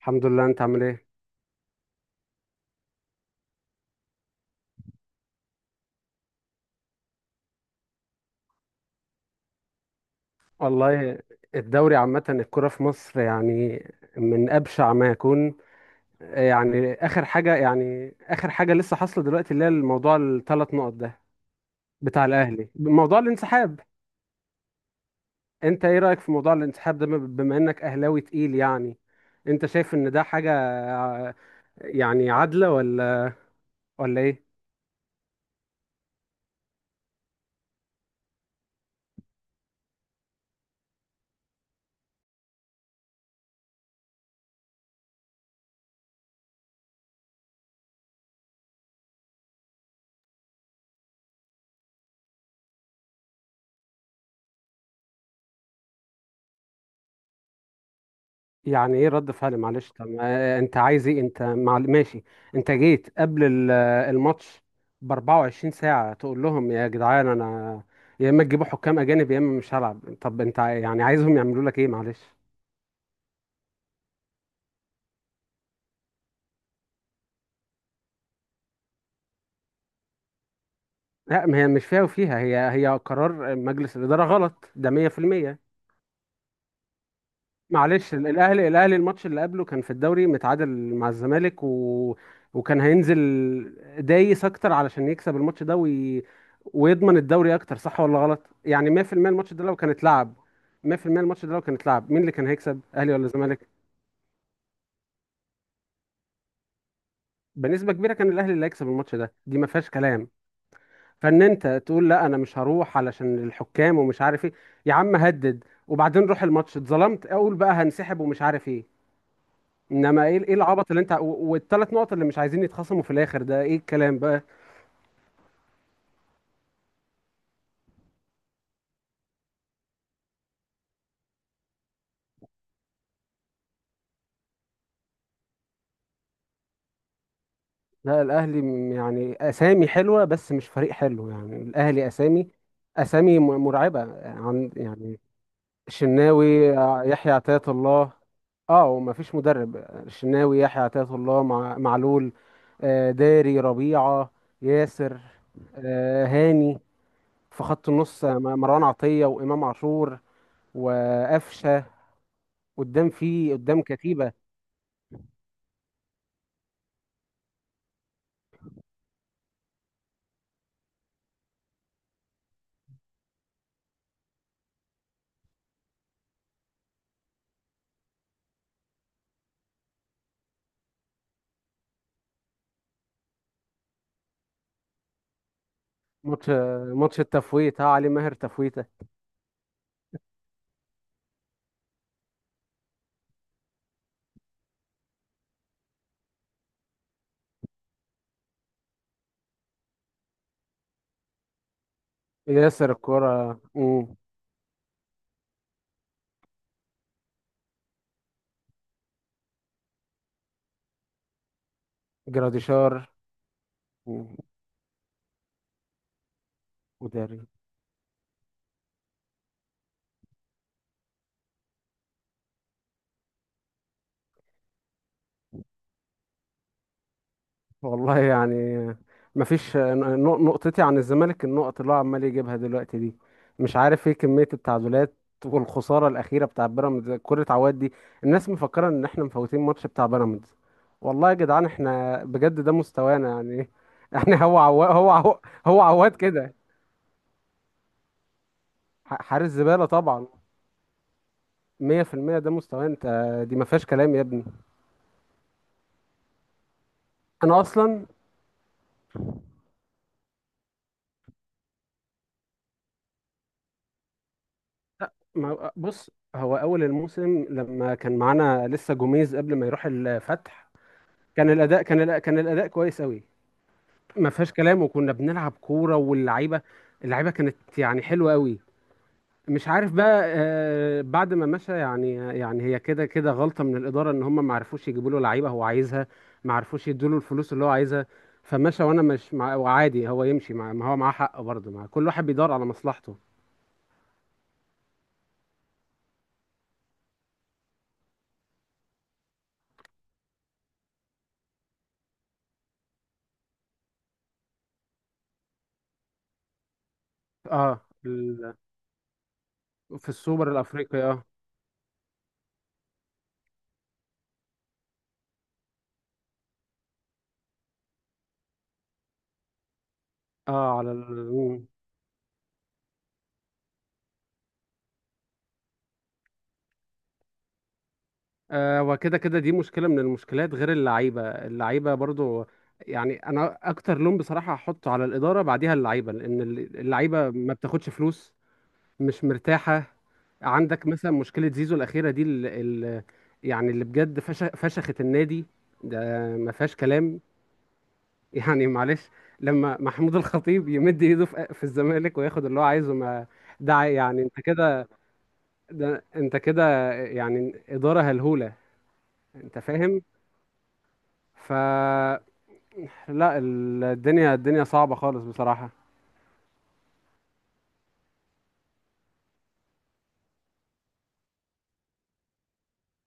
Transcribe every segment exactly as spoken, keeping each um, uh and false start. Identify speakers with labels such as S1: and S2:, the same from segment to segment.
S1: الحمد لله، انت عامل ايه؟ والله، الدوري عامة الكرة في مصر يعني من أبشع ما يكون. يعني آخر حاجة، يعني آخر حاجة لسه حاصلة دلوقتي اللي هي الموضوع الثلاث نقط ده بتاع الأهلي موضوع الانسحاب. انت ايه رأيك في موضوع الانسحاب ده؟ بم- بما انك أهلاوي تقيل يعني. انت شايف ان ده حاجة يعني عادلة، ولا ولا ايه؟ يعني ايه رد فعل؟ معلش، طب ما انت عايز ايه؟ انت مع... ماشي. انت جيت قبل ال- الماتش ب 24 ساعة تقول لهم يا جدعان، انا يا اما تجيبوا حكام اجانب يا اما مش هلعب. طب انت ع- يعني عايزهم يعملوا لك ايه؟ معلش. لا، ما هي مش فيها وفيها، هي هي قرار مجلس الإدارة، غلط ده مية في المية. معلش، الاهلي الاهلي الماتش اللي قبله كان في الدوري متعادل مع الزمالك و... وكان هينزل دايس اكتر علشان يكسب الماتش ده وي... ويضمن الدوري اكتر. صح ولا غلط؟ يعني مية في المية الماتش ده لو كان اتلعب، مية في المية الماتش ده لو كان اتلعب، مين اللي كان هيكسب؟ اهلي ولا الزمالك؟ بنسبة كبيرة كان الاهلي اللي هيكسب الماتش ده، دي ما فيهاش كلام. فان انت تقول لا انا مش هروح علشان الحكام ومش عارف ايه، يا عم هدد وبعدين روح الماتش. اتظلمت، اقول بقى هنسحب ومش عارف ايه. انما ايه؟ ايه العبط اللي انت والثلاث نقط اللي مش عايزين يتخصموا في الاخر ده؟ ايه الكلام بقى؟ لا، الاهلي م- يعني اسامي حلوه بس مش فريق حلو. يعني الاهلي اسامي، اسامي م- مرعبه عن يعني. الشناوي، آه، يحيى عطية الله. اه، وما فيش مدرب. الشناوي، يحيى عطية الله، مع معلول، آه، داري، ربيعه، ياسر، آه، هاني. في خط النص، آه، مروان عطيه وامام عاشور وقفشه. قدام، في قدام كتيبه. ماتش، ماتش التفويت ها، علي ماهر تفويته. ياسر الكرة، مم. جراديشار. مم. وداري. والله يعني، مفيش نق- نقطتي عن الزمالك. النقط اللي هو عمال يجيبها دلوقتي دي مش عارف ايه كمية التعادلات، والخسارة الأخيرة بتاع بيراميدز كرة عواد دي. الناس مفكرة إن إحنا مفوتين ماتش بتاع بيراميدز. والله يا جدعان إحنا بجد ده مستوانا يعني. يعني هو عواد، هو عواد هو عواد كده. ح- حارس زبالة طبعا. مية في المية ده مستواه، انت دي ما فيهاش كلام يا ابني. انا اصلا. ما بص، هو اول الموسم لما كان معانا لسه جوميز قبل ما يروح الفتح، كان الاداء كان الأ- كان الاداء كويس قوي، ما فيهاش كلام. وكنا بنلعب كورة، واللعيبة، اللعيبة كانت يعني حلوة قوي. مش عارف بقى، آه، بعد ما مشى يعني. يعني هي كده كده غلطة من الإدارة إن هم ما عرفوش يجيبوا له لعيبة هو عايزها، ما عرفوش يدوا له الفلوس اللي هو عايزها، فمشى. وأنا مش مع، وعادي هو يمشي، مع ما هو معاه حق برضه، مع كل واحد بيدور على مصلحته. اه ال... في السوبر الأفريقي، اه. اه على ال... مم. آه، وكده كده دي مشكلة من المشكلات، غير اللعيبة. اللعيبة برضه يعني، أنا أكتر لوم بصراحة هحطه على الإدارة، بعديها اللعيبة، لأن اللعيبة ما بتاخدش فلوس. مش مرتاحة. عندك مثلا مشكلة زيزو الأخيرة دي، ال ال يعني اللي بجد فش فشخت النادي ده، ما فيهاش كلام. يعني معلش، لما محمود الخطيب يمد ايده في في الزمالك وياخد اللي هو عايزه، ما ده يعني انت كده، ده انت كده يعني إدارة هلهولة. انت فاهم؟ ف، لا، ال- الدنيا، الدنيا صعبة خالص بصراحة.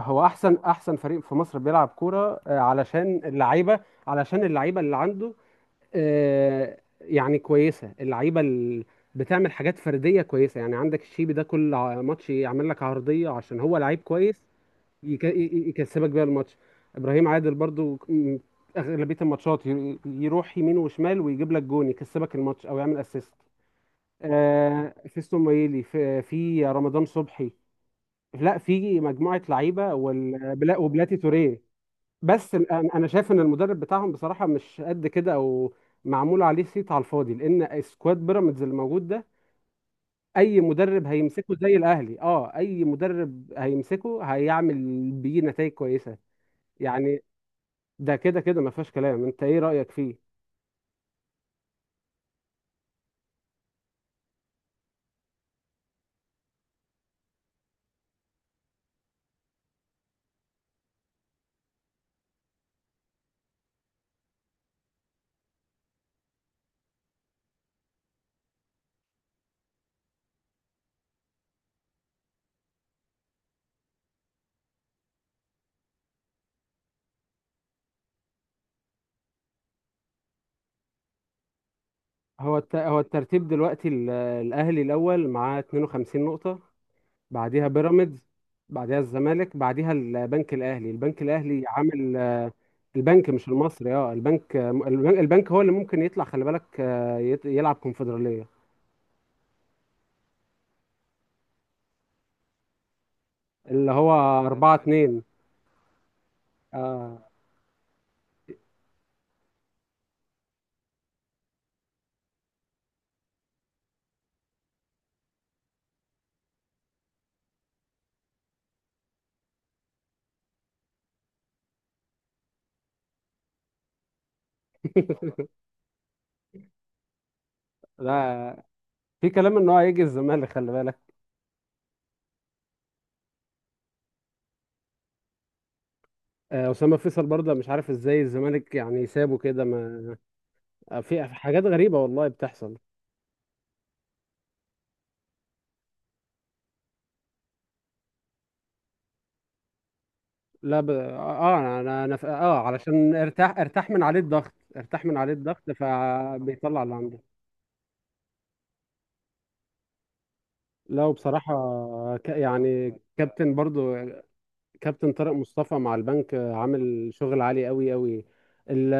S1: هو احسن، احسن فريق في مصر بيلعب كورة، آه، علشان اللعيبة، علشان اللعيبة اللي عنده. آه، يعني كويسه اللعيبه ال- بتعمل حاجات فرديه كويسه. يعني عندك الشيبي ده كل ع- ماتش يعمل لك عرضيه، عشان هو لعيب كويس. يك- ي- ي- يكسبك بيها الماتش. ابراهيم عادل برضو ك- م- اغلبيه الماتشات ي- يروح يمين وشمال ويجيب لك جون، يكسبك الماتش او يعمل اسيست. آه، فيستون مايلي، في في رمضان صبحي، لا في مجموعه لعيبه وال- بلا- وبلاتي توريه. بس ال- انا أنا شايف ان المدرب بتاعهم بصراحه مش قد كده، او معمول عليه صيت على الفاضي، لان سكواد بيراميدز اللي موجود ده اي مدرب هيمسكه زي الاهلي. اه، اي مدرب هيمسكه هيعمل بيه نتائج كويسه يعني. ده كده كده ما فيهاش كلام. انت ايه رايك فيه؟ هو الت... هو الترتيب دلوقتي، ال- الاهلي الاول معاه اتنين وخمسين نقطة نقطه، بعديها بيراميدز، بعديها الزمالك، بعديها البنك الاهلي. البنك الاهلي عامل، البنك مش المصري. اه البنك، البنك البنك هو اللي ممكن يطلع، خلي بالك، آه، يت- يلعب كونفدرالية. اللي هو أربعة اتنين، اه. لا، في كلام ان هو هيجي الزمالك، خلي بالك. آه، اسامه فيصل برضه مش عارف ازاي الزمالك يعني سابه كده، ما آه، في في حاجات غريبه والله بتحصل. لا ب... اه انا انا أنا ف... اه علشان ارتاح، ارتاح من عليه الضغط، ارتاح من عليه الضغط، فبيطلع اللي عنده. لا وبصراحه، ك... يعني كابتن برضه، كابتن طارق مصطفى مع البنك عامل شغل عالي قوي قوي. ال-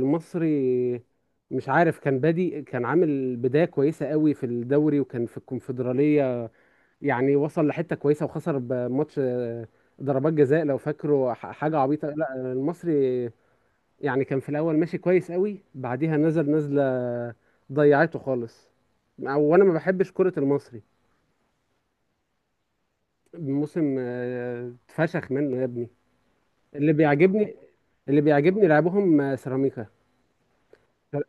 S1: المصري مش عارف، كان بادي، كان عامل بداية كويسة قوي في الدوري، وكان في الكونفدرالية يعني وصل لحتة كويسة، وخسر بماتش آه، ضربات جزاء لو فاكره، ح- حاجة عبيطة. لا المصري يعني كان في الأول ماشي كويس قوي، بعديها نزل نزلة ضيعته خالص. وانا ما بحبش كرة المصري. الموسم آه، اتفشخ منه يا ابني. اللي بيعجبني، اللي بيعجبني لعبهم سيراميكا ده.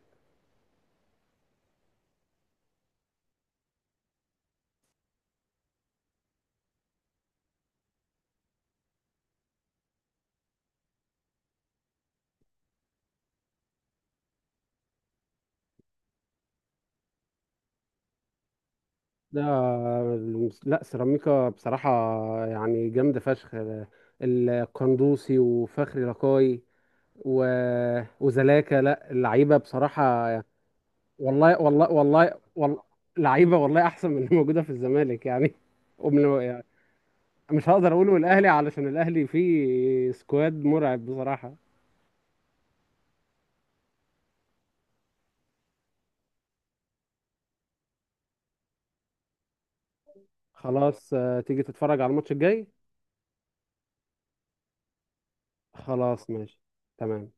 S1: لا سيراميكا بصراحة يعني جامدة فشخ. القندوسي، وفخري لقاي، و... وزلاكا، لا اللعيبة بصراحة. والله والله والله والله، لعيبة والله أحسن من اللي موجودة في الزمالك يعني، ومن يعني مش هقدر أقوله الأهلي علشان الأهلي فيه سكواد مرعب بصراحة. خلاص، آه، تيجي تتفرج على الماتش الجاي. خلاص ماشي، تمام.